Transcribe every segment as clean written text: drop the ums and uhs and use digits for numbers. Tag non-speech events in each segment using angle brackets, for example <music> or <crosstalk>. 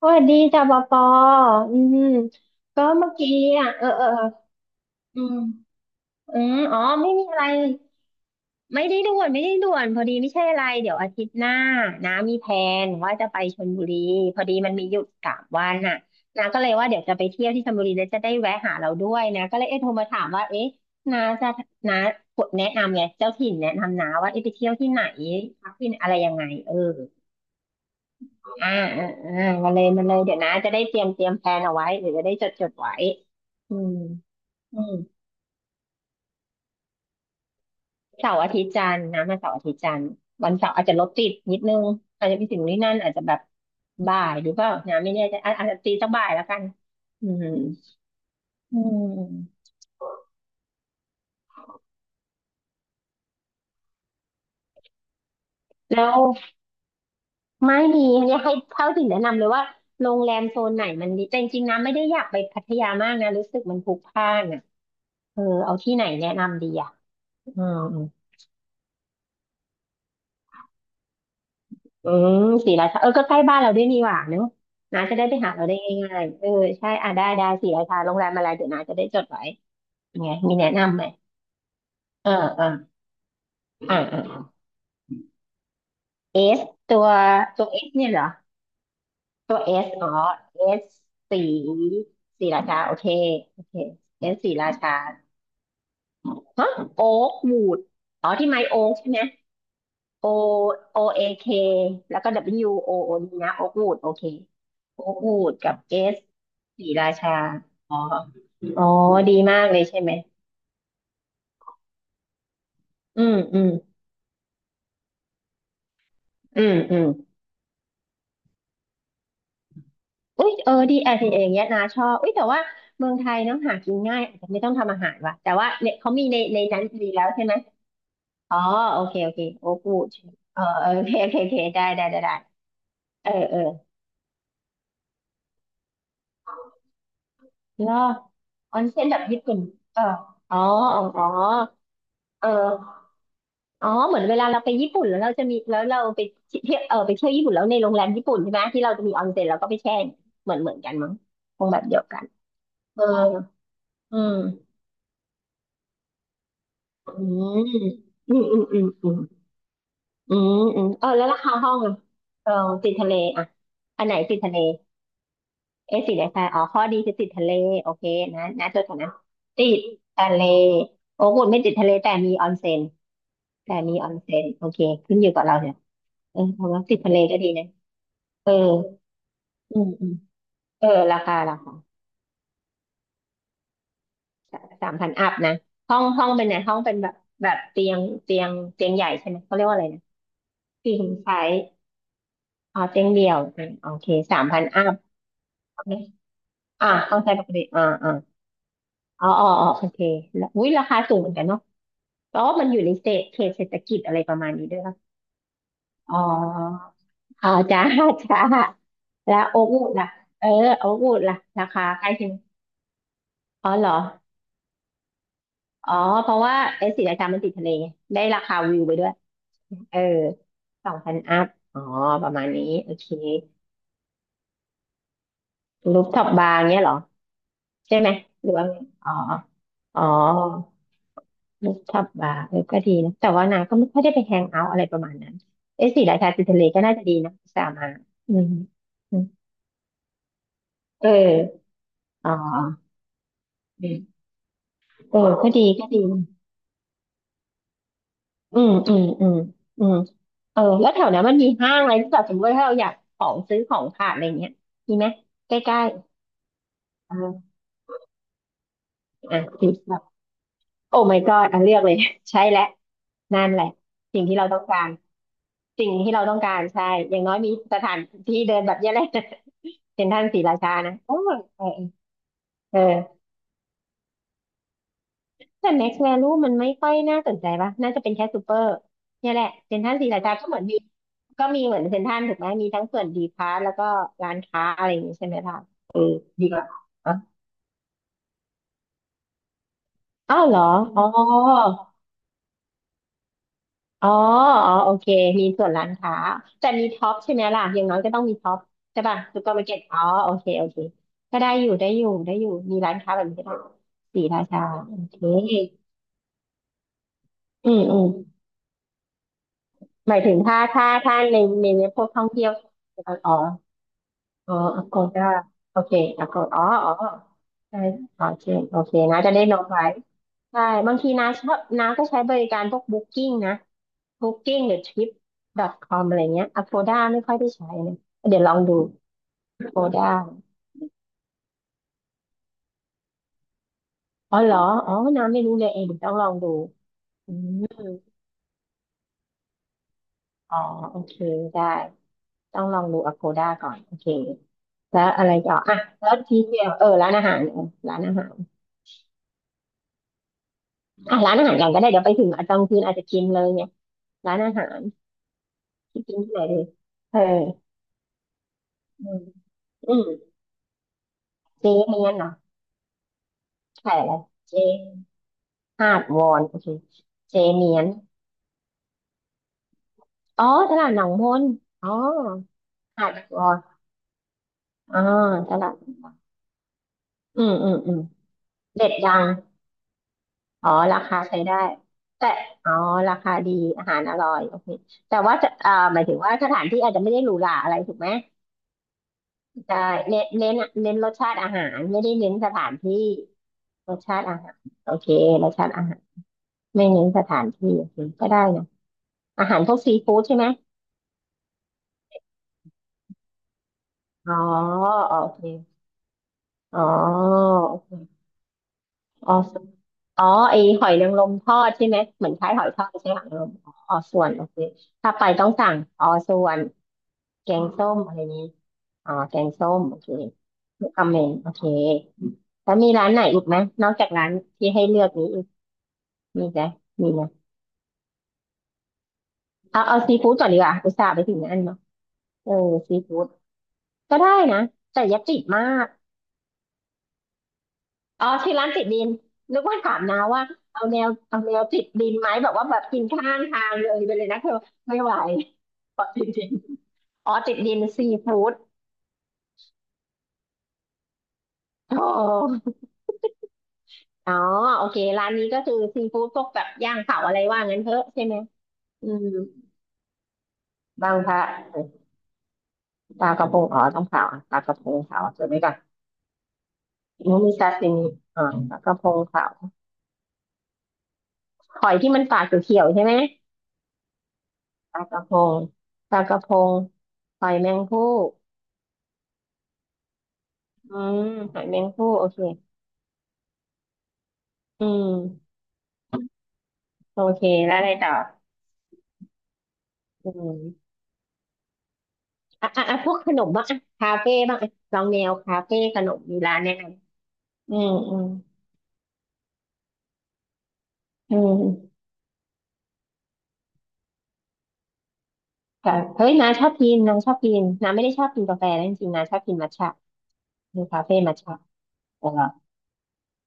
สวัสดีจ้าปอปออืมก็เมื่อกี้อ่ะเออเออเอออืมอืมอ๋อไม่มีอะไรไม่ได้ด่วนไม่ได้ด่วนพอดีไม่ใช่อะไรเดี๋ยวอาทิตย์หน้านะมีแพลนว่าจะไปชลบุรีพอดีมันมีหยุดสามวันน่ะนะก็เลยว่าเดี๋ยวจะไปเที่ยวที่ชลบุรีแล้วจะได้แวะหาเราด้วยนะก็เลยเอ๊ะโทรมาถามว่าเอ๊ะนาจะนากดแนะนำไงเจ้าถิ่นแนะนำนาว่าเอ๊ะไปเที่ยวที่ไหนพักที่ไหนอะไรยังไงเออ อ่าอ่าอ่ามาเลยมาเลยเดี๋ยวนะจะได้เตรียมเตรียมแพลนเอาไว้หรือจะได้จดจดไว้อืมอืมเสาร์อาทิตย์จันทร์นะมาเสาร์อาทิตย์จันทร์วันเสาร์อาจจะรถติดนิดนึงอาจจะไปถึงนี่นั่นอาจจะแบบบ่ายหรือเปล่านะไม่แน่ใจอาจจะตีสักบ่ายแล้วกันอืมอืมแล้วไม่มีเนี่ยให้เท่าที่แนะนำเลยว่าโรงแรมโซนไหนมันดีแต่จริงๆนะไม่ได้อยากไปพัทยามากนะรู้สึกมันพลุกพล่านอ่ะเออเอาที่ไหนแนะนำดีอ่ะอืม อืมศรีราชาเออก็ใกล้บ้านเราด้วยนี่หว่าเนอะน้าจะได้ไปหาเราได้ง่ายๆเออใช่อ่ะได้ได้ศรีราชาโรงแรมอะไรเดี๋ยวน้าจะได้จดไว้เป็นไงมีแนะนำไหมเออเอออ่าอ่าตัวตัวเอสเนี่ยเหรอตัวเอสอ๋อเอสสีสรีราชาโอเคโอเคเอสสีราชาฮะโอ๊กวูดอ๋อที่ไม้โอ๊กใช่ไหมโอโอเอเคแล้วก็ W O O D นะโอ๊กวูดโอเค โอ๊กูดกับเกสสีราชาอ๋ออ๋อดีมากเลยใช่ไหมอืมอืมอืมอืมอุ้ยเออดีแอะไเอย่างเงี้ยนะชอบอุ้ย แต่ว่าเมืองไทยเนาะหากินง่ายอาจจะไม่ต้องทำอาหารว่ะแต่ว่าเนี่ยเขามีในนั้นดีแล้วใช่ไหมอ๋อโอเคโอเคโอ้กูดใช่ไหมเออเออโอเคโอเคโอเคได้ได้ได้ได้เออเออแล้วออนเซ็นแบบญี่ปุ่นเอออ๋ออ๋ออ๋อเออ อ๋อเหมือนเวลาเราไปญี่ปุ่นแล้วเราจะมีแล้วเราไปเที่ยวเออไปเที่ยวญี่ปุ่นแล้วในโรงแรมญี่ปุ่นใช่ไหมที่เราจะมีออนเซ็นแล้วก็ไปแช่เหมือนกันมั้งคงแบบเดียวกันเอออืมอืมอืมอืมอืมอืมอืมอืมเออแล้วราคาห้องอะเออติดทะเลอ่ะอันไหนติดทะเลเอะติดไหนคะอ๋อข้อดีคือติดทะเลโอเคนะนะจดก่อนนะติดทะเลโอ้โหไม่ติดทะเลแต่มีออนเซ็นแต่มีออนเซ็นโอเคขึ้นอยู่กับเราเนี่ยเออเราว่าติดทะเลก็ดีนะเอออืม เออราคาสามพันอัพนะห้องห้องเป็นไงห้องเป็นแบบแบบเตียงเตียงใหญ่ใช่ไหมเขาเรียกว่าอะไรนะที่คุณใช้อ๋อเตียงเดียวอ่ะโอเคสามพันอัพอ่าห้องใช้ปกติอ่าอ่าอ๋ออ๋ออ๋อโอเคแล้วอุ้ยราคาสูงเหมือนกันเนาะเพราะว่ามันอยู่ในเขตเศรษฐกิจอะไรประมาณนี้ด้วยปะอ๋ออ๋อจ้า <laughs> จ้าแล้วโอ๊กวูดล่ะเออโอ๊กวูดล่ะราคาใกล้เคียงอ๋อเหรออ๋อเพราะว่าไอ้ศรีราชามันติดทะเลไงได้ราคาวิวไปด้วย เออสองพันอัพ อ๋อประมาณนี้ โอเค รูฟท็อปบาร์เงี้ยเหรอ ใช่ไหม หรือว่าไงอ๋ออ๋อ รูฟท็อปบาร์เออก็ดีนะ แต่ว่านาก็ไม่ค่อยได้ไปแฮงเอาท์อะไรประมาณนั้นเอะศรีราชาติดทะเลก็น่าจะดีนะ สามาอืมอืมเอออ๋ออืมเออก็ดี ก็ดี อืมอืมอืมอืมเออ แล้วแถวนั้นมันมีห้างอะไรที่แบบสมมติว่าถ้าเราอยากของซื้อของขาดอะไรเงี้ยมีไหมใกล้ๆเอออ่ะ โอ้ my god อันเลือกเลย <laughs> ใช่แล้วนั่นแหละสิ่งที่เราต้องการสิ่งที่เราต้องการใช่อย่างน้อยมีสถานที่เดินแบบเนี้ยแหละ <laughs> เซ็นทรัลศรีราชานะโอ้เออเออแต่ next value มันไม่ค่อยน่าสนใจปะน่าจะเป็นแค่ซูเปอร์เนี่ยแหละเซ็นทรัลศรีราชาก็เหมือนมีก็มีเหมือนเซ็นทรัลถูกไหมมีทั้งส่วนดีพาร์ทแล้วก็ร้านค้าอะไรอย่างงี้ใช่ไหมล่ะดีกว่าอ๋อาวเหรออ๋อ อ๋ออ๋อโอเค มีส่วนร้านค้า แต่มีท็อปใช่ไหมล่ะ อย่างน้อยก็ต้องมีท็อปใช่ป่ะซูเปอร์มาร์เก็ตอ๋อโอเคโอเคก็ได้อยู่มีร้านค้าแบบนี้ก็ได้สีราชาโอเคอืมอืมหมายถึงถ้าในพวกท่องเที่ยวอ๋อ อ๋อ Agoda โอเค Agoda อ๋ออ๋อใช่โอเคโอเคนะจะได้โน้ตไว้ใช่บางทีนะชอบนะก็ใช้บริการพวก Booking นะ Booking หรือ Trip.com อทคอมอะไรเงี้ย Agoda ไม่ค่อยได้ใช้นะเดี๋ยวลองดู Agoda อ๋อเหรออ๋อน้ำไม่รู้เลยเองเดี๋ยวต้องลองดูอืมอ๋อโอเคได้ต้องลองดู Agoda ก่อนโอเคแล้วอะไรต่ออ่ะแล้วทีเดียวเออร้านอาหารเออร้านอาหาร อ่ะร้านอาหารกันก็ได้เดี๋ยวไปถึงอาจจองคืนอาจจะกินเลยเนี่ยร้านอาหารที่กินที่ไหนดีเอออืมอืมเจเมียนเหรอใช่แล้วเจหาดวอนโอเคเจเมียนอ๋อตลาดหนองมนอ๋อหาดวอนอ๋อตลาดหนองมนอืมอืมอืมเด็ดดังอ๋อราคาใช้ได้แต่อ๋อราคาดีอาหารอร่อยโอเคแต่ว่าจะอ่าหมายถึงว่าสถานที่อาจจะไม่ได้หรูหราอะไรถูกไหมใช่เน้นเน้นเน้นรสชาติอาหารไม่ได้เน้นสถานที่ รสชาติอาหารโอเครสชาติอาหารไม่เน้นสถานที่โอเคก็ได้นะอาหารพวกซีฟู้ดใช่ไหมอ๋อโอเคอ๋อโอเคอ๋ออ๋อไอหอยนางรมทอดใช่ไหมเหมือนคล้ายหอยทอดใช่ไหมหอยนางรมอ๋ออ๋อส่วนโอเคถ้าไปต้องสั่งอ๋อส่วนแกงส้มอะไรนี้อ๋อแกงส้มโอเคทุกคอมเมนต์โอเคแล้วมีร้านไหนอีกไหมนอกจากร้านที่ให้เลือกนี้อีกมีไหมมีไหมเอาเอาซีฟู้ดก่อนดีกว่าอุตส่าห์ไปถึงนั่นเนาะเออซีฟู้ด ก็ได้นะแต่อย่าติดมากอ๋อที่ร้านติดดินนึกว่าถามนะว่าเอาแนวเอาแนวติดดินไหมแบบว่าแบบกินข้างทางเลยไปเลยนะเธอไม่ไหวขอติดดินอ๋อติดดินซีฟู้ดอ๋ออ๋อโอเคร้านนี้ก็คือซีฟู้ดพวกแบบย่างเผาอะไรว่างั้นเถอะใช่ไหมอืมบางพระเออปลากระพงอ๋อต้องเผาอ่ะปลากระพงเผาเจอไหมก่อนมันมีซาซิมิอ๋อปลากระพงเผาหอยที่มันปากเขียวๆใช่ไหม ปลากระพงปลากระพงหอยแมงภู่อืมหอยแมงภู่โอเคอืมโอเคแล้วอะไรต่ออืมอ่ะอ่ะอ่ะพวกขนมบ้างอ่ะคาเฟ่บ้างอ่ะลองแนวคาเฟ่ขนมมีร้านแนะนำอืมอืมอืมแต่เฮ้ยน้าชอบกินน้าชอบกินน้าไม่ได้ชอบกินกาแฟนะจริงๆน้าชอบกินมัทฉะมีคาเฟ่มัทฉะเออ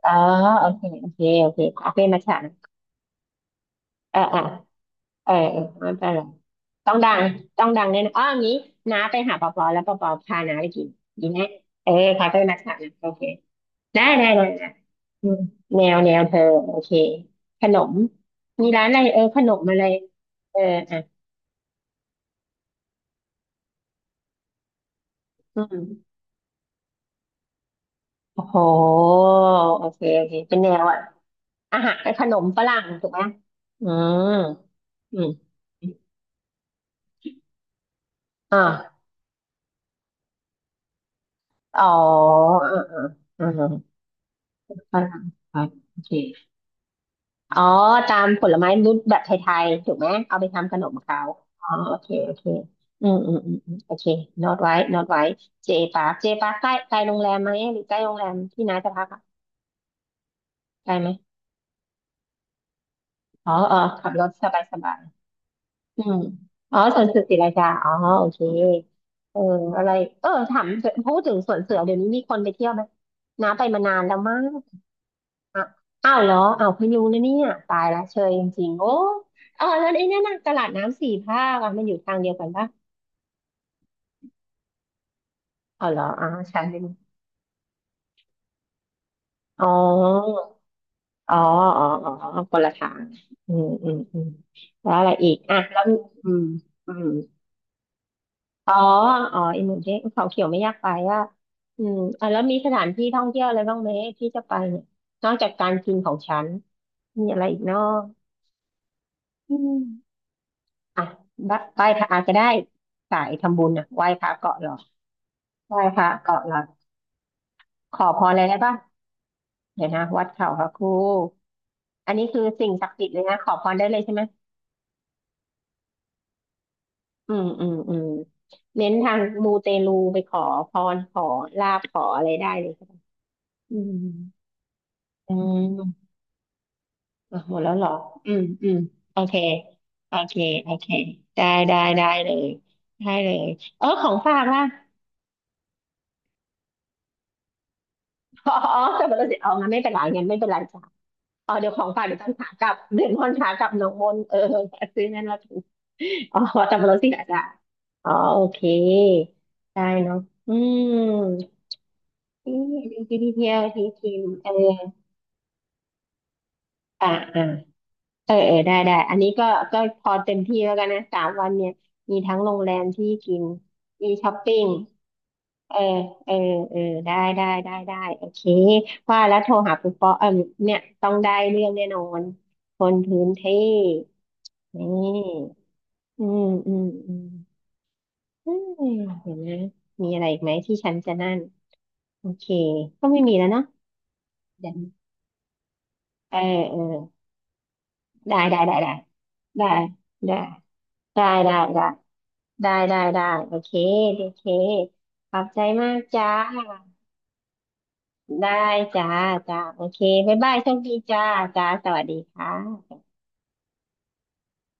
เออโอเคโอเคโอเคคาเฟ่มัทฉะนะเออเออ เออเออไม่เป็นไรต้องดังต้องดังแน่นอนอ้ออย่างนี้น้าไปหาปอปอแล้วปอปอพาน้าไปกินดีไหมเออคาเฟ่นนักขัตนะโอเคได้ได้ได้ได้อืมแนวแนวเธอโอเคขนมมีร้านอะไรเออขนมอะไรเอออ่ะอืมโอ้โหโอเคโอเคเป็นแนวอ่ะอาหารขนมฝรั่งถูกไหมอืมอืมอ่าอ๋ออ่าอ่าอ่าฝรั่งโอเค อ๋อตามผลไม้รูปแบบไทยๆถูกไหมเอาไปทำขนมเขาอ๋อโอเคโอเคอืมอืมอืมอืมโอเคโน้ตไว้โน้ตไว้เจปาร์คเจปาร์คใกล้ใกล้โรงแรมไหมหรือใกล้โรงแรมที่น้าจะพักอะใกล้ไหมอ๋ออ๋อขับรถสบายสบายอืมอ๋อสวนเสือศรีราชาอ๋อโอเคเอออะไรเออถามพูดถึงสวนเสือเดี๋ยวนี้มีคนไปเที่ยวไหมน้าไปมานานแล้วมั้ง อ่ะอ้าวเหรออ้าวพยุงนะเนี่ยตายละเชยจริงๆโอ้เออแล้วไอ้นั่นน่ะตลาดน้ำสี่ภาคอ่ะมันอยู่ทางเดียวกันปะอ๋อเหรออ๋อใช่ไหมอ๋ออ๋ออ๋ออ๋อคนละทางอืมอืมอืมแล้วอะไรอีกอ่ะแล้วมีอืมอืมอ๋ออ๋ออีหมูเด้งเขาเขียวไม่อยากไปอ่ะอืมอ่ะแล้วมีสถานที่ท่องเที่ยวอะไรบ้างไหมที่จะไปเนี่ยนอกจากการกินของฉันมีอะไรอีกเนาะอืม อ่ะบดไหว้พระก็ได้สายทำบุญอ่ะไหว้พระเกาะหลอดไหว้พระเกาะหลอดขอพรอะไรได้บ้างเดี๋ยวนะวัดเขาพระครูอันนี้คือสิ่งศักดิ์สิทธิ์เลยนะขอพรได้เลยใช่ไหมอืมอืมอืมเน้นทางมูเตลูไปขอพรขอลาภขออะไรได้เลยใช่ไหมอืมอืมอ่ะหมดแล้วเหรออืมอืมโอเคโอเคโอเคได้ได้ได้เลยได้เลยเออของฝากล่ะ <laughs> อ๋ออ๋อแต่มันเราสิเอางั้นไม่เป็นไรงั้นไม่เป็นไรจ้ะ อ๋อเดี๋ยวของฝากเดี๋ยวตอนขากลับเดี๋ยวตอนขากลับหน้องมนเออซื้อนั่นแล้วกันอ๋อสับปะรดที่ไหนอ่ะอ๋อโอเคได้เนาะอืมนี่ดีดีเที่ยวที่คิมเอออ่าอ่าเออเออได้ได้อันนี้ก็ก็พอเต็มที่แล้วกันนะ3 วันเนี่ยมีทั้งโรงแรมที่กินมีช้อปปิ้งเออเออเออได้ได้ได้ได้โอเคว่าแล้วโทรหาปุ๊ปปอเออเนี่ยต้องได้เรื่องแน่นอนคนพื้นที่นี่ อืมอืมอืมเฮ้ยเห็นนะมมีอะไรอีกไหมที่ฉันจะนั่นโอเคก็ไม่มีแล้วเนาะเดี๋ยวเออเออได้ได้ได้ได้ได้ได้ได้ได้ได้ได้ได้ได้โอเคโอเคขอบใจมากจ้าได้จ้าจ้าโอเคบ๊ายบายโชคดีจ้าจ้าสวัสดีค่ะ